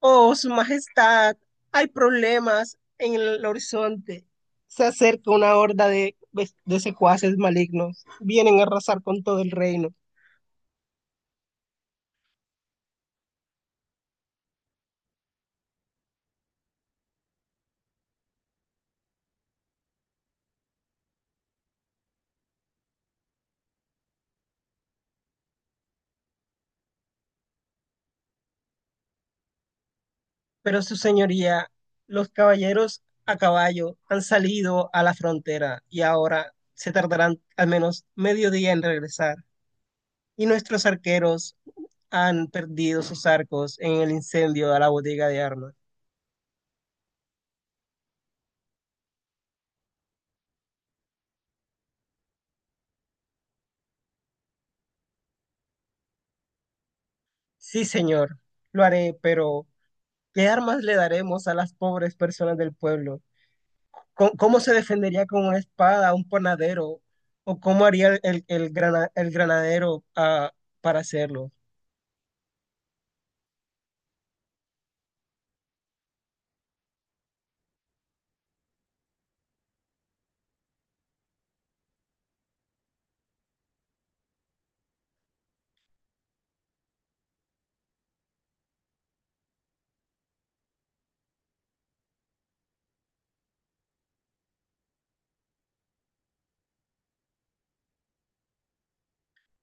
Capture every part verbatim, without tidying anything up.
Oh, Su Majestad, hay problemas en el horizonte. Se acerca una horda de, de secuaces malignos. Vienen a arrasar con todo el reino. Pero su señoría, los caballeros a caballo han salido a la frontera y ahora se tardarán al menos medio día en regresar. Y nuestros arqueros han perdido sus arcos en el incendio de la bodega de armas. Sí, señor, lo haré, pero ¿qué armas le daremos a las pobres personas del pueblo? ¿Cómo, cómo se defendería con una espada un panadero? ¿O cómo haría el, el, el grana- el granadero ah, para hacerlo?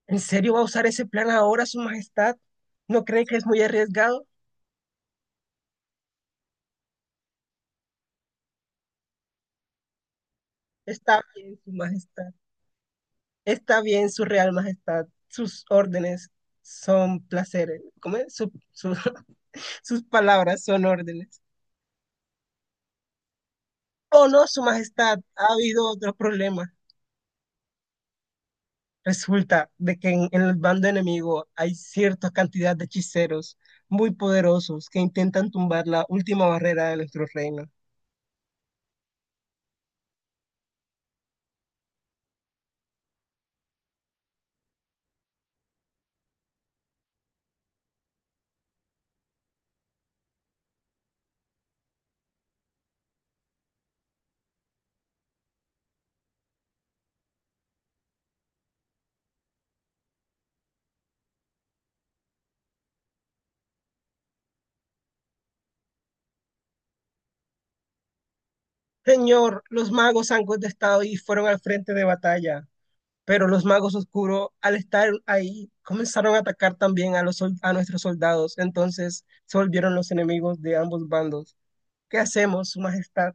¿En serio va a usar ese plan ahora, Su Majestad? ¿No cree que es muy arriesgado? Está bien, Su Majestad. Está bien, Su Real Majestad. Sus órdenes son placeres. ¿Cómo es? Su- su- sus palabras son órdenes. Oh, no, Su Majestad. Ha habido otros problemas. Resulta de que en, en el bando enemigo hay cierta cantidad de hechiceros muy poderosos que intentan tumbar la última barrera de nuestro reino. Señor, los magos han contestado y fueron al frente de batalla, pero los magos oscuros, al estar ahí, comenzaron a atacar también a, los, sol- a nuestros soldados. Entonces se volvieron los enemigos de ambos bandos. ¿Qué hacemos, Su Majestad?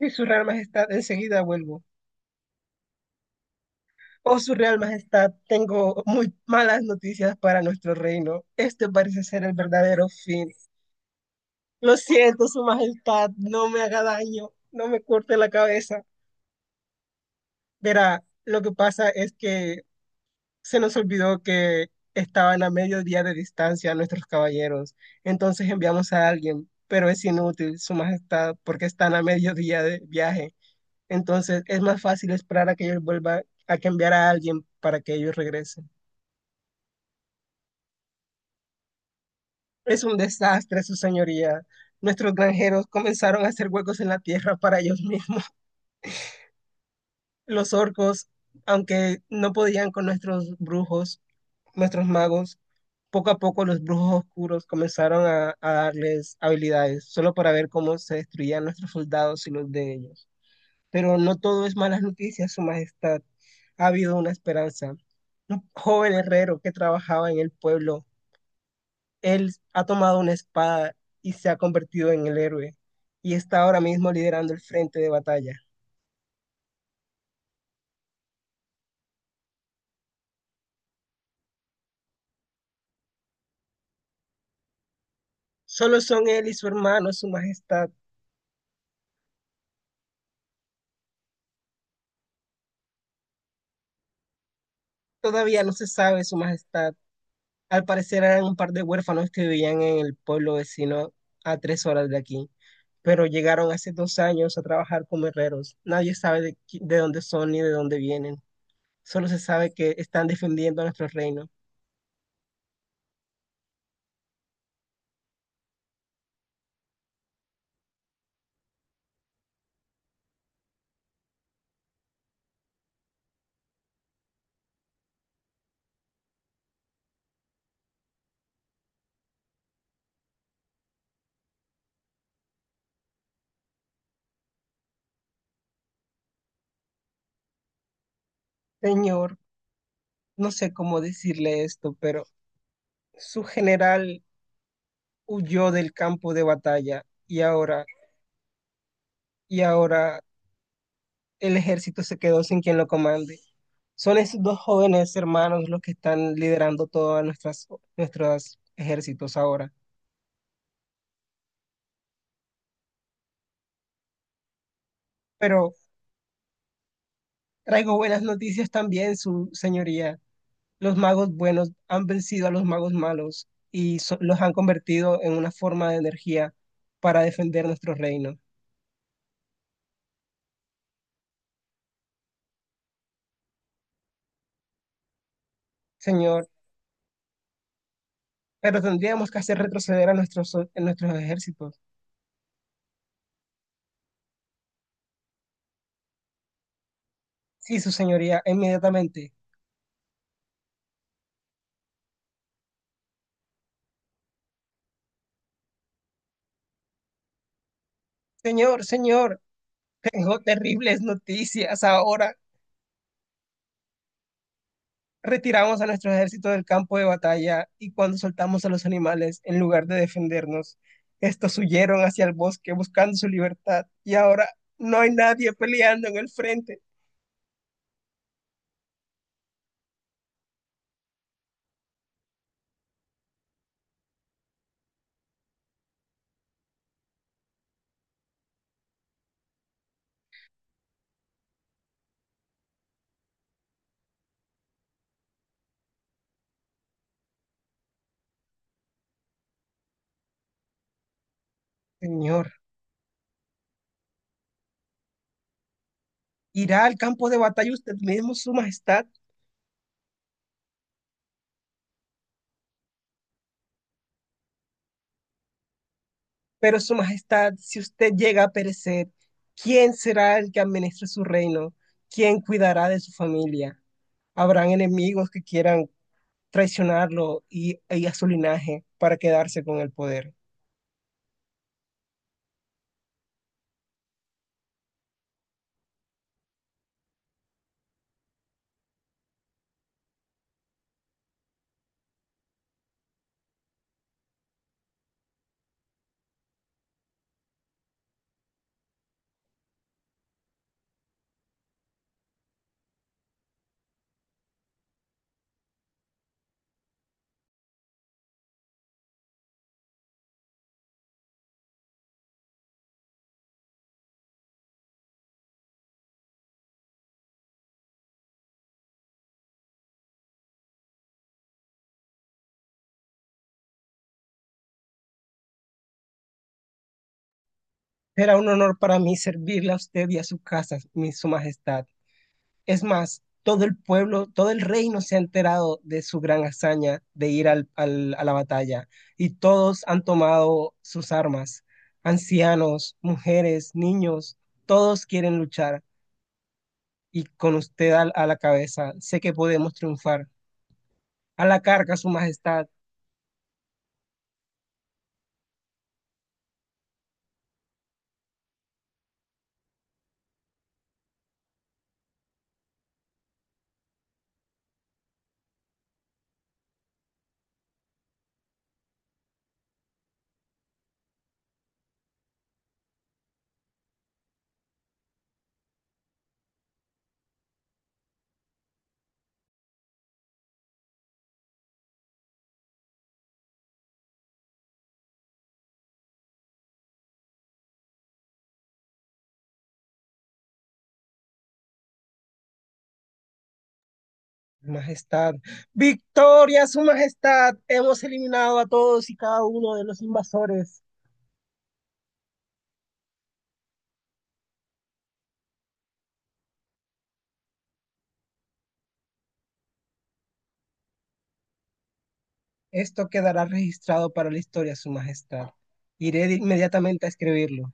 Y su Real Majestad, enseguida vuelvo. Oh, su real majestad, tengo muy malas noticias para nuestro reino. Este parece ser el verdadero fin. Lo siento, su majestad, no me haga daño, no me corte la cabeza. Verá, lo que pasa es que se nos olvidó que estaban a medio día de distancia nuestros caballeros. Entonces enviamos a alguien, pero es inútil, su majestad, porque están a medio día de viaje. Entonces es más fácil esperar a que ellos vuelvan, a que enviar a alguien para que ellos regresen. Es un desastre, su señoría. Nuestros granjeros comenzaron a hacer huecos en la tierra para ellos mismos. Los orcos, aunque no podían con nuestros brujos, nuestros magos, poco a poco los brujos oscuros comenzaron a, a darles habilidades, solo para ver cómo se destruían nuestros soldados y los de ellos. Pero no todo es malas noticias, Su Majestad. Ha habido una esperanza. Un joven herrero que trabajaba en el pueblo él ha tomado una espada y se ha convertido en el héroe y está ahora mismo liderando el frente de batalla. Solo son él y su hermano, su majestad. Todavía no se sabe, su majestad. Al parecer eran un par de huérfanos que vivían en el pueblo vecino a tres horas de aquí, pero llegaron hace dos años a trabajar como herreros. Nadie sabe de, qui- de dónde son ni de dónde vienen. Solo se sabe que están defendiendo nuestro reino. Señor, no sé cómo decirle esto, pero su general huyó del campo de batalla y ahora, y ahora el ejército se quedó sin quien lo comande. Son esos dos jóvenes hermanos los que están liderando todos nuestras, nuestros ejércitos ahora. Pero traigo buenas noticias también, su señoría. Los magos buenos han vencido a los magos malos y so- los han convertido en una forma de energía para defender nuestro reino. Señor, pero tendríamos que hacer retroceder a nuestros, a nuestros ejércitos. Sí, su señoría, inmediatamente. Señor, señor, tengo terribles noticias. Ahora retiramos a nuestro ejército del campo de batalla y cuando soltamos a los animales, en lugar de defendernos, estos huyeron hacia el bosque buscando su libertad y ahora no hay nadie peleando en el frente. Señor, irá al campo de batalla usted mismo, Su Majestad. Pero Su Majestad, si usted llega a perecer, ¿quién será el que administre su reino? ¿Quién cuidará de su familia? Habrán enemigos que quieran traicionarlo y, y a su linaje para quedarse con el poder. Era un honor para mí servirle a usted y a su casa, mi, su majestad. Es más, todo el pueblo, todo el reino se ha enterado de su gran hazaña de ir al, al, a la batalla y todos han tomado sus armas. Ancianos, mujeres, niños, todos quieren luchar y con usted a, a la cabeza sé que podemos triunfar. A la carga, su majestad. Majestad, victoria, su majestad. Hemos eliminado a todos y cada uno de los invasores. Esto quedará registrado para la historia, su majestad. Iré inmediatamente a escribirlo.